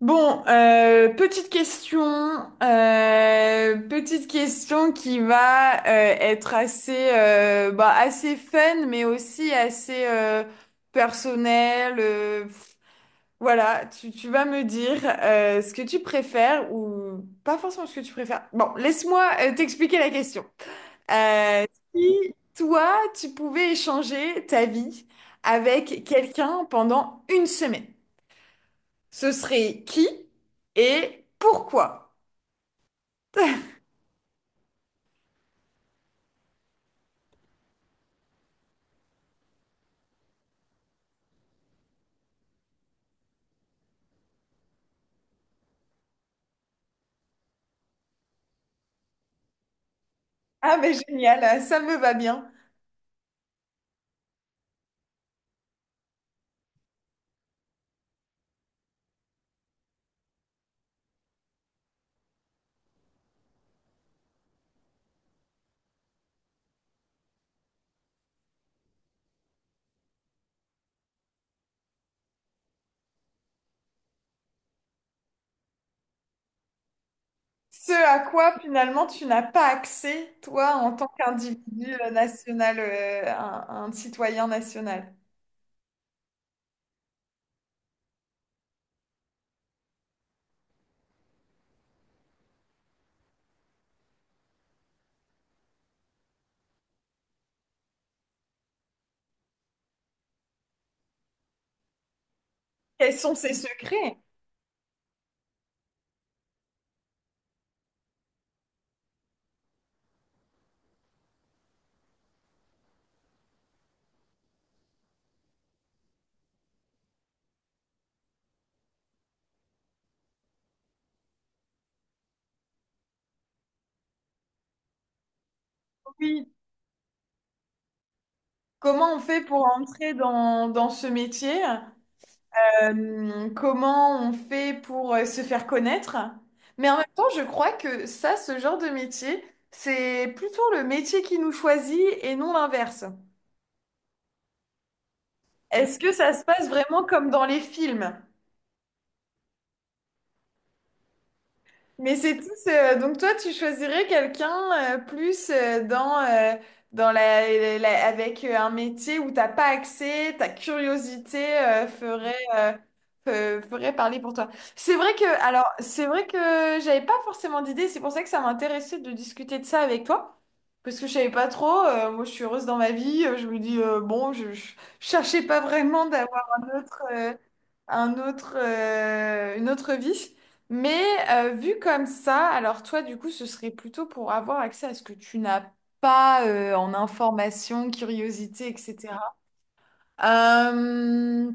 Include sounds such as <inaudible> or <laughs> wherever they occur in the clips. Petite petite question qui va être bah, assez fun, mais aussi assez personnelle. Pff. Voilà, tu vas me dire ce que tu préfères ou pas forcément ce que tu préfères. Bon, laisse-moi t'expliquer la question. Euh, Si toi, tu pouvais échanger ta vie avec quelqu'un pendant une semaine. Ce serait qui et pourquoi? Ah, mais génial, ça me va bien. Ce à quoi finalement tu n'as pas accès, toi, en tant qu'individu national, un citoyen national. Quels sont ses secrets? Oui. Comment on fait pour entrer dans, dans ce métier? Comment on fait pour se faire connaître? Mais en même temps, je crois que ça, ce genre de métier, c'est plutôt le métier qui nous choisit et non l'inverse. Est-ce que ça se passe vraiment comme dans les films? Mais c'est tous. Donc toi, tu choisirais quelqu'un plus dans avec un métier où t'as pas accès, ta curiosité ferait parler pour toi. C'est vrai que, alors, c'est vrai que j'avais pas forcément d'idée. C'est pour ça que ça m'intéressait de discuter de ça avec toi. Parce que je savais pas trop, moi je suis heureuse dans ma vie, je me dis, bon, je cherchais pas vraiment d'avoir un un une autre vie. Mais vu comme ça, alors toi du coup, ce serait plutôt pour avoir accès à ce que tu n'as pas en information, curiosité, etc. Euh,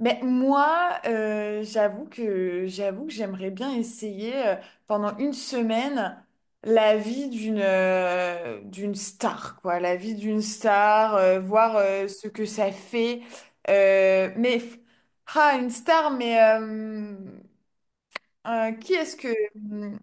mais moi, j'avoue que j'aimerais bien essayer pendant une semaine la vie d'une star, quoi, la vie d'une star, voir ce que ça fait. Euh, mais une star, mais qui est-ce que hmm,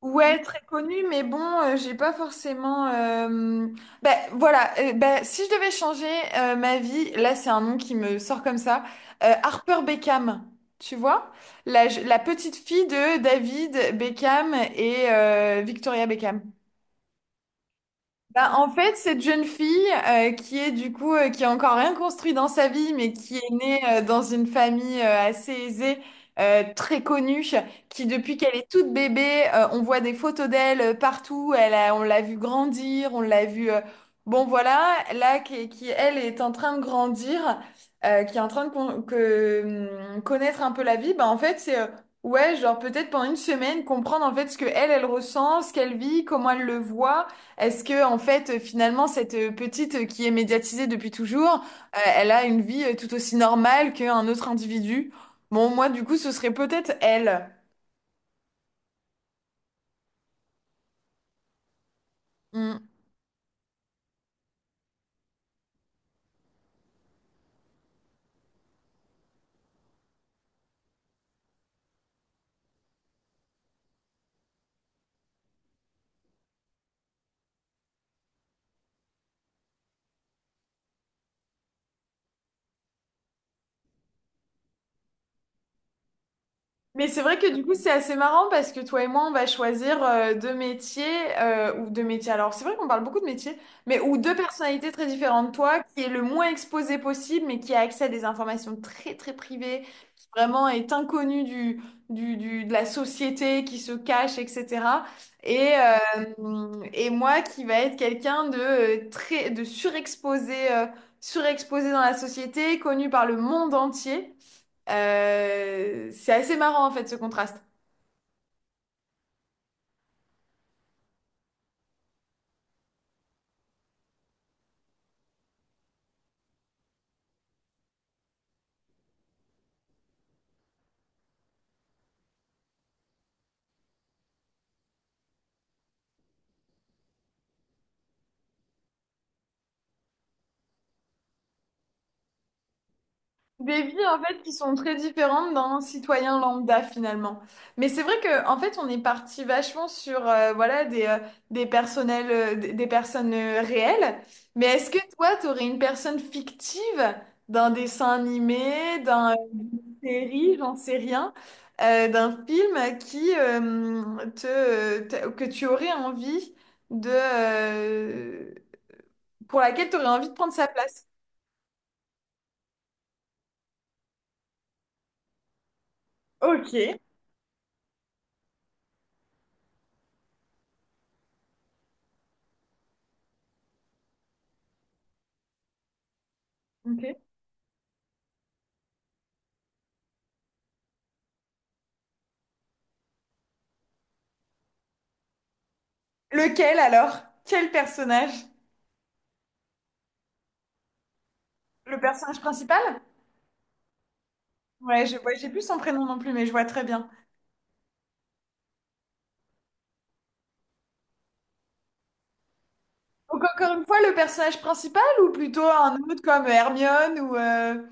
ouais, très connu, mais bon, j'ai pas forcément. Ben voilà, ben, si je devais changer ma vie, là c'est un nom qui me sort comme ça, Harper Beckham, tu vois? La petite fille de David Beckham et Victoria Beckham. Bah, en fait, cette jeune fille qui est du coup qui a encore rien construit dans sa vie, mais qui est née dans une famille assez aisée, très connue, qui depuis qu'elle est toute bébé, on voit des photos d'elle partout. Elle on l'a vue grandir, on l'a vue. Bon voilà, là qui elle est en train de grandir, qui est en train de connaître un peu la vie. Bah en fait c'est ouais, genre peut-être pendant une semaine, comprendre en fait ce que elle, elle ressent, ce qu'elle vit, comment elle le voit. Est-ce que, en fait, finalement, cette petite qui est médiatisée depuis toujours, elle a une vie tout aussi normale qu'un autre individu? Bon, moi, du coup, ce serait peut-être elle. Hmm. Mais c'est vrai que du coup, c'est assez marrant parce que toi et moi, on va choisir deux métiers ou deux métiers. Alors, c'est vrai qu'on parle beaucoup de métiers, mais ou deux personnalités très différentes. Toi, qui est le moins exposé possible, mais qui a accès à des informations très, très privées, qui vraiment est inconnue du- de la société, qui se cache, etc. Et moi, qui va être quelqu'un de très, de surexposé, surexposé dans la société, connu par le monde entier. C'est assez marrant en fait ce contraste. Des vies en fait qui sont très différentes d'un citoyen lambda finalement. Mais c'est vrai que en fait on est parti vachement sur voilà des des personnels euh, des personnes réelles. Mais est-ce que toi t'aurais une personne fictive d'un dessin animé, d'une série, j'en sais rien, d'un film qui que tu aurais envie de pour laquelle tu aurais envie de prendre sa place? Ok. Ok. Lequel alors? Quel personnage? Le personnage principal? Ouais, je vois, j'ai plus son prénom non plus, mais je vois très bien. Donc encore une fois, le personnage principal ou plutôt un autre comme Hermione ou...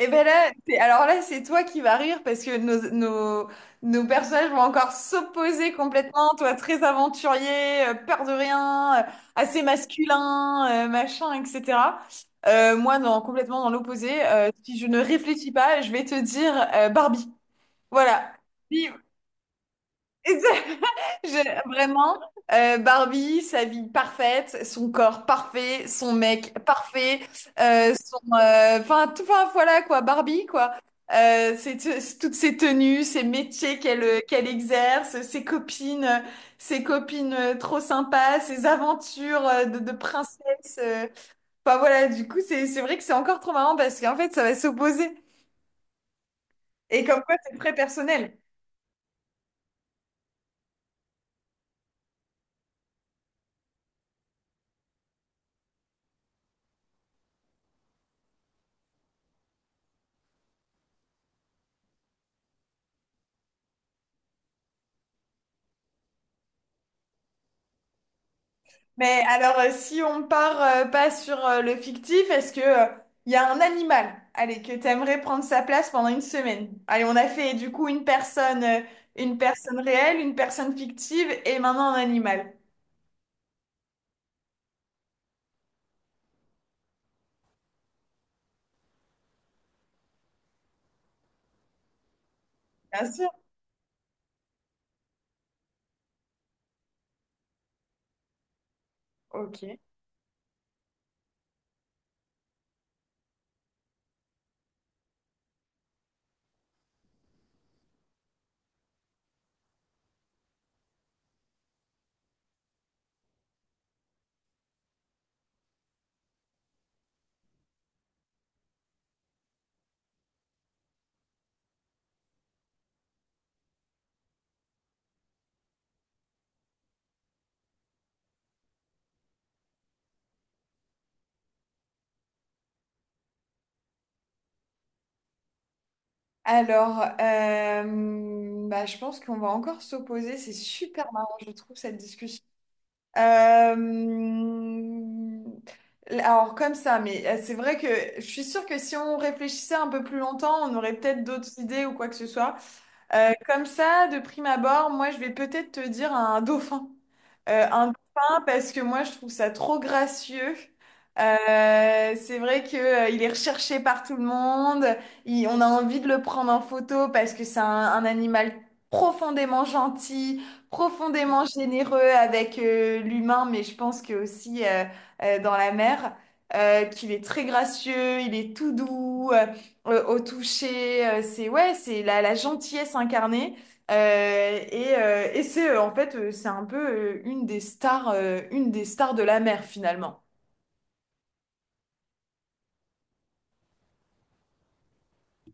Eh ben là, alors là, c'est toi qui vas rire parce que nos personnages vont encore s'opposer complètement. Toi, très aventurier, peur de rien, assez masculin, machin, etc. Moi, complètement dans l'opposé. Si je ne réfléchis pas, je vais te dire Barbie. Voilà. Puis, <laughs> je- vraiment, Barbie, sa vie parfaite, son corps parfait, son mec parfait, son, enfin, tout, enfin, voilà quoi, Barbie quoi. C'est toutes ses tenues, ses métiers qu'elle exerce, ses copines trop sympas, ses aventures de princesse. Enfin voilà, du coup, c'est vrai que c'est encore trop marrant parce qu'en fait, ça va s'opposer. Et comme quoi, c'est très personnel. Mais alors, si on part pas sur le fictif, est-ce que il y a un animal, allez, que t'aimerais prendre sa place pendant une semaine? Allez, on a fait du coup une personne réelle, une personne fictive et maintenant un animal. Bien sûr. Ok. Alors, bah, je pense qu'on va encore s'opposer. C'est super marrant, je trouve, cette discussion. Euh, Alors comme ça, mais c'est vrai que je suis sûre que si on réfléchissait un peu plus longtemps, on aurait peut-être d'autres idées ou quoi que ce soit. Comme ça, de prime abord, moi, je vais peut-être te dire un dauphin. Un dauphin parce que moi, je trouve ça trop gracieux. C'est vrai que, il est recherché par tout le monde. On a envie de le prendre en photo parce que c'est un animal profondément gentil, profondément généreux avec l'humain, mais je pense que aussi dans la mer, qu'il est très gracieux, il est tout doux au toucher, c'est ouais, c'est la gentillesse incarnée. Et et c'est en fait c'est un peu une des stars de la mer finalement.